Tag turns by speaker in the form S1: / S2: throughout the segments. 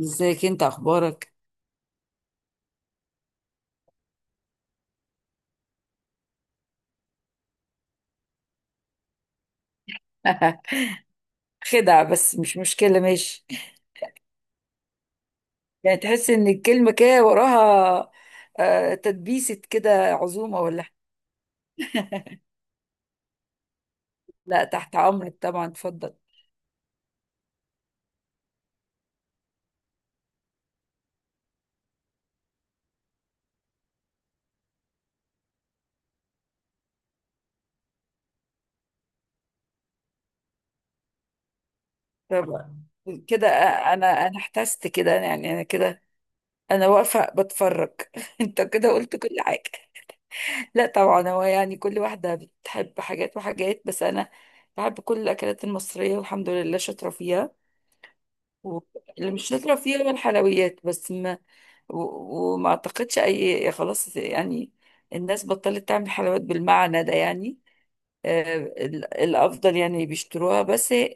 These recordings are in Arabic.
S1: ازيك انت اخبارك؟ خدعة، بس مش مشكلة، ماشي. يعني تحس ان الكلمة كده وراها تدبيسة كده. عزومة ولا لا، تحت امرك طبعا، اتفضل. طبعا كده. انا احتست كده، يعني انا كده. انا واقفة بتفرج. انت كده قلت كل حاجة. لا طبعا، هو يعني كل واحدة بتحب حاجات وحاجات، بس انا بحب كل الاكلات المصرية والحمد لله شاطرة فيها. و- اللي مش شاطرة فيها هو الحلويات بس. ما و- وما اعتقدش اي خلاص يعني. الناس بطلت تعمل حلويات بالمعنى ده يعني. الافضل يعني بيشتروها، بس هي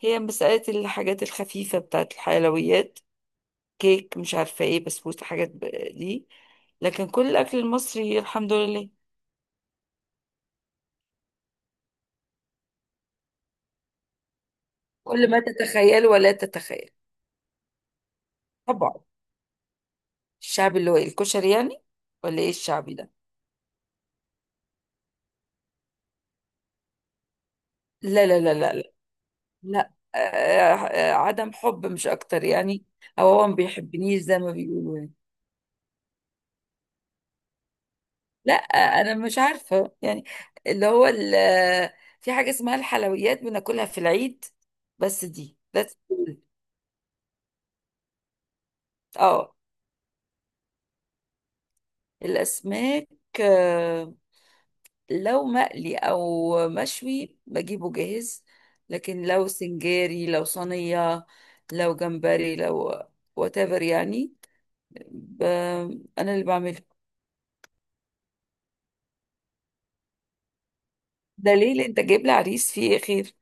S1: هي مسألة الحاجات الخفيفة بتاعت الحلويات، كيك، مش عارفة ايه، بسبوسة، حاجات دي. لكن كل الأكل المصري الحمد لله كل ما تتخيل ولا تتخيل. طبعا. الشعب اللي هو الكشري يعني، ولا ايه الشعبي ده؟ لا لا لا لا لا. عدم حب مش اكتر يعني. او هو ما بيحبنيش زي ما بيقولوا يعني. لا، انا مش عارفه يعني. اللي هو ال- آه، في حاجه اسمها الحلويات بناكلها في العيد، بس دي that's all. اه. الاسماك، آه، لو مقلي او مشوي بجيبه جاهز، لكن لو سنجاري، لو صينيه، لو جمبري، لو whatever يعني. ب- انا اللي بعمله. ده ليه؟ لأ، انت جايب لي عريس فيه ايه خير؟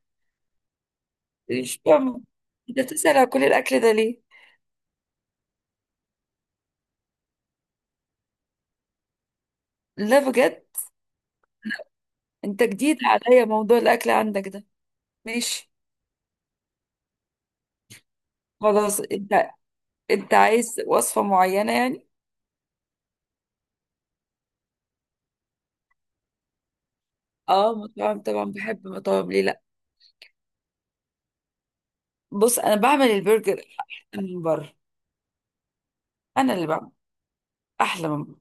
S1: مش فاهمة، انت بتسأل على كل الاكل ده ليه؟ لا بجد، انت جديد عليا موضوع الاكل عندك ده. ماشي. خلاص، انت عايز وصفة معينة يعني؟ اه، مطاعم طبعا بحب مطاعم، ليه لا؟ بص، انا بعمل البرجر احلى من بره. انا اللي بعمل احلى من بره.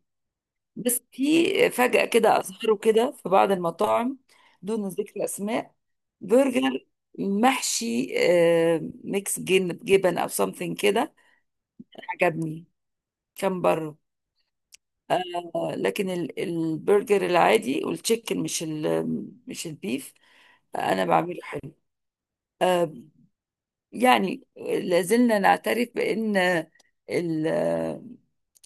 S1: بس في فجأة كده اظهروا كده في بعض المطاعم، دون ذكر اسماء، برجر محشي ميكس جبن او سمثينج كده، عجبني، كان بره. آه لكن البرجر العادي والتشيكن، مش ال، مش البيف، انا بعمله حلو. آه. يعني لازلنا نعترف بان ال،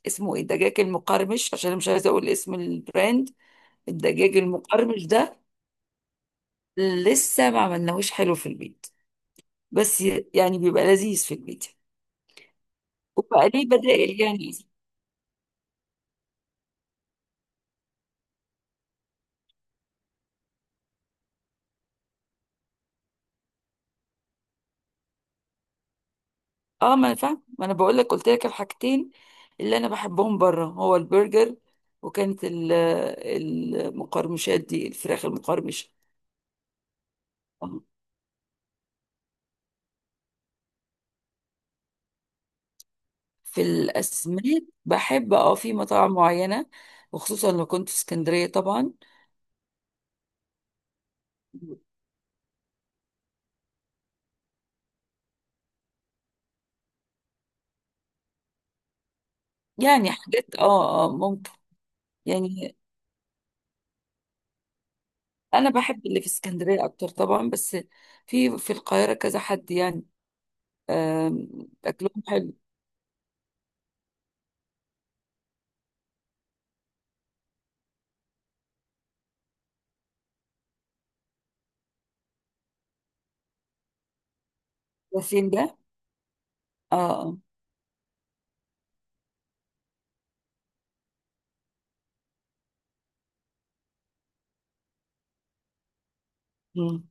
S1: اسمه ايه، الدجاج المقرمش، عشان أنا مش عايزه اقول اسم البراند. الدجاج المقرمش ده لسه ما عملناهوش حلو في البيت، بس يعني بيبقى لذيذ في البيت وبقى ليه بدائل يعني. اه ما انا فاهم، ما انا بقول لك، قلت لك الحاجتين اللي انا بحبهم بره، هو البرجر، وكانت ال- المقرمشات دي، الفراخ المقرمشه. آه. في الاسماك بحب، اه، في مطاعم معينه، وخصوصا لو كنت في اسكندريه طبعا. يعني حاجات، اه اه، ممكن يعني، انا بحب اللي في اسكندريه اكتر طبعا، بس في القاهره كذا حد يعني، آم، اكلهم حلو. ياسين ده. اه. آه. مم.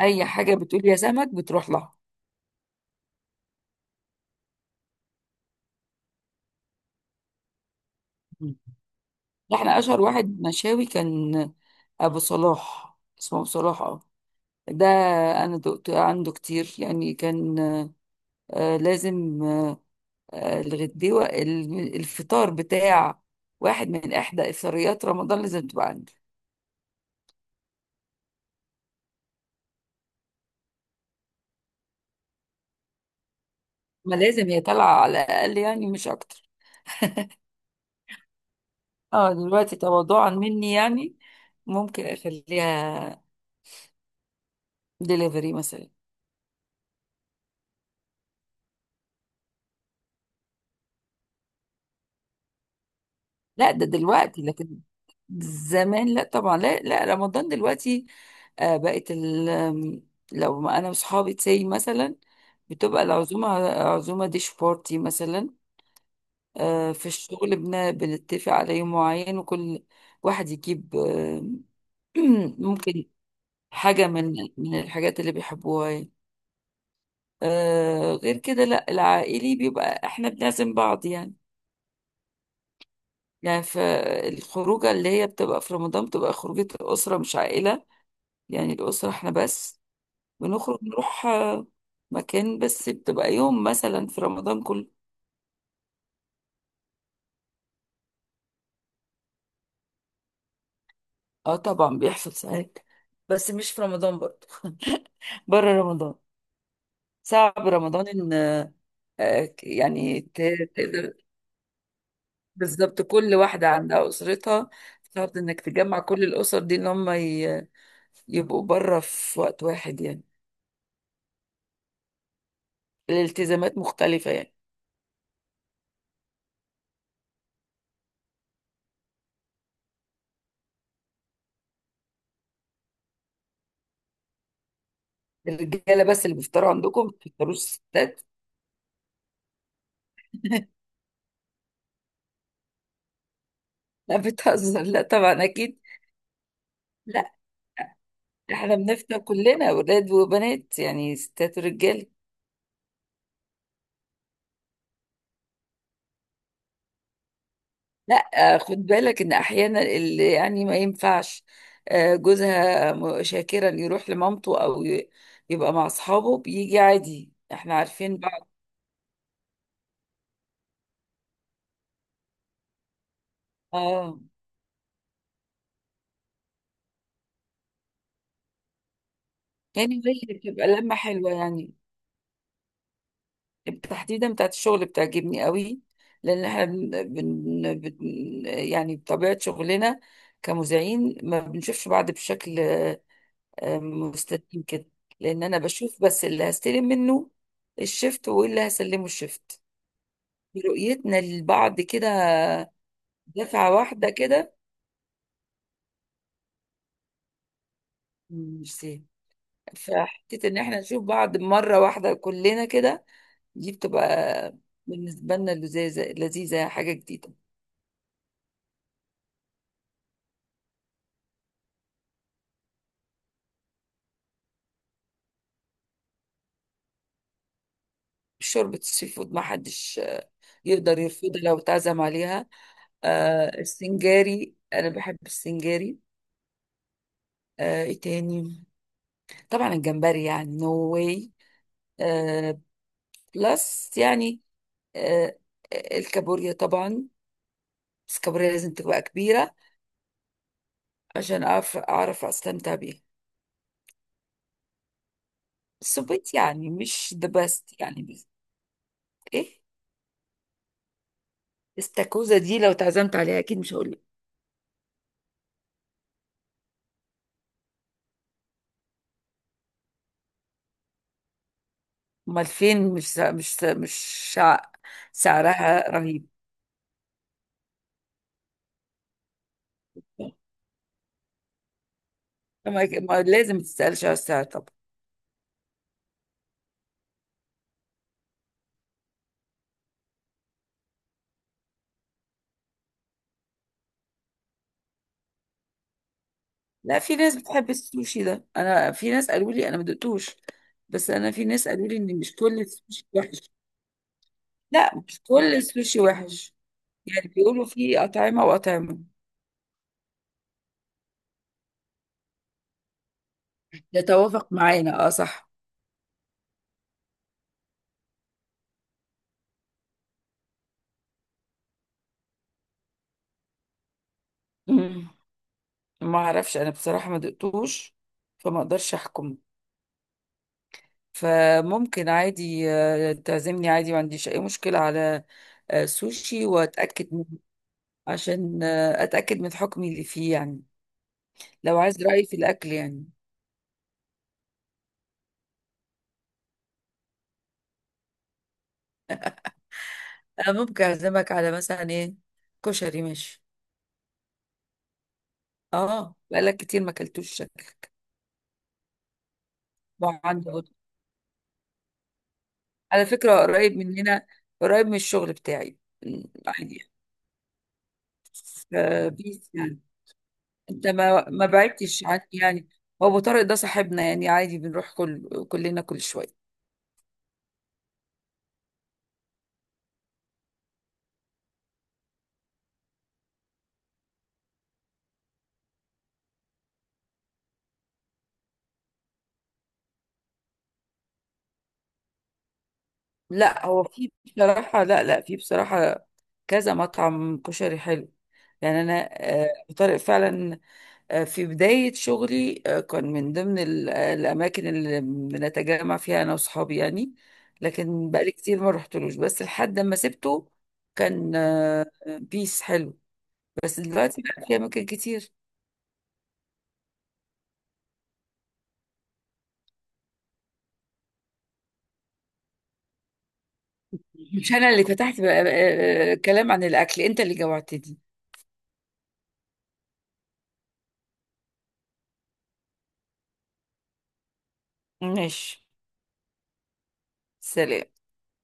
S1: اي حاجه بتقول يا سمك بتروح لها. مم. احنا اشهر واحد مشاوي كان ابو صلاح، اسمه ابو صلاح، اه. ده انا دقت عنده كتير يعني، كان لازم آه، الغديوه، ال- الفطار بتاع واحد من احدى افطاريات رمضان لازم تبقى عندي. ما لازم هي طالعه على الاقل يعني، مش اكتر. اه دلوقتي تواضعا مني يعني. ممكن اخليها دليفري مثلا. لا، ده دلوقتي، لكن زمان لا طبعا. لا لا، رمضان دلوقتي آه بقت ال لو ما انا وصحابي تسي مثلا، بتبقى العزومه عزومه ديش بارتي مثلا. آه، في الشغل بنتفق على يوم معين وكل واحد يجيب ممكن حاجه من من الحاجات اللي بيحبوها يعني. آه غير كده لا، العائلي بيبقى احنا بنعزم بعض يعني. يعني فالخروجه اللي هي بتبقى في رمضان، بتبقى خروجه الاسره مش عائله، يعني الاسره احنا بس بنخرج نروح مكان، بس بتبقى يوم مثلا في رمضان كله. اه طبعا بيحصل ساعات، بس مش في رمضان برضه، بره رمضان. صعب رمضان ان تقدر. بالظبط، كل واحدة عندها أسرتها. صعب انك تجمع كل الأسر دي ان هم يبقوا بره في وقت واحد يعني. الالتزامات مختلفة يعني. الرجالة بس اللي بيفطروا عندكم؟ ما بتفطروش الستات؟ لا بتهزر، لا طبعا أكيد. لا، احنا بنفطر كلنا ولاد وبنات يعني، ستات ورجاله. لا، خد بالك ان احيانا اللي يعني ما ينفعش، جوزها شاكرا يروح لمامته او يبقى مع اصحابه، بيجي عادي، احنا عارفين بعض. اه. يعني هي بتبقى لمة حلوة يعني، تحديدا بتاعت الشغل بتعجبني قوي، لان احنا يعني بطبيعة شغلنا كمذيعين ما بنشوفش بعض بشكل مستلزم كده، لان انا بشوف بس اللي هستلم منه الشفت، واللي هسلمه الشفت، برؤيتنا لبعض كده دفعة واحدة كده، مش سهل. فحتة ان احنا نشوف بعض مرة واحدة كلنا كده، دي بتبقى بالنسبة لنا لذيذة، لذيذة، حاجة جديدة. شوربة السي فود ما حدش يقدر يرفضها لو اتعزم عليها. السنجاري، انا بحب السنجاري. آه، ايه تاني؟ طبعا الجمبري، يعني نو واي بلس يعني. آه، الكابوريا طبعا، بس الكابوريا لازم تبقى كبيرة عشان أعرف أستمتع بيها. السبيت يعني مش ذا بيست يعني، بس. إيه. استاكوزا دي لو اتعزمت عليها أكيد مش هقول لك. أمال فين؟ مش سع- مش سع- مش شع- سعرها رهيب. ما لازم تسألش على السعر طبعا. لا، في ناس بتحب السوشي ده، أنا في ناس قالوا لي، أنا ما دقتوش، بس أنا في ناس قالوا لي إن مش كل السوشي وحش. لا، مش كل السوشي وحش، يعني بيقولوا في أطعمة وأطعمة. يتوافق معانا، اه صح. مم. ما اعرفش، انا بصراحة ما دقتوش فما اقدرش احكم. فممكن عادي تعزمني عادي، ما عنديش اي مشكلة على سوشي واتأكد منه، عشان اتأكد من حكمي اللي فيه يعني، لو عايز رأيي في الاكل يعني. انا ممكن اعزمك على مثلا ايه؟ كشري، ماشي؟ اه بقالك كتير ما اكلتوش شكلك. ما هو عنده. على فكرة قريب مننا، قريب من الشغل بتاعي، فبيس يعني، انت ما ما بعدتش عني يعني. هو ابو طارق ده صاحبنا يعني، عادي بنروح كل كلنا كل شويه. لا هو في، بصراحه لا لا، في بصراحه كذا مطعم كشري حلو يعني. انا ابو طارق فعلا في بدايه شغلي كان من ضمن الاماكن اللي بنتجمع فيها انا واصحابي يعني، لكن بقالي كتير ما رحتلوش بس لحد ما سبته. كان بيس حلو، بس دلوقتي بقى في اماكن كتير. مش انا اللي فتحت كلام عن الاكل، انت اللي جوعتني. ماشي. سلام.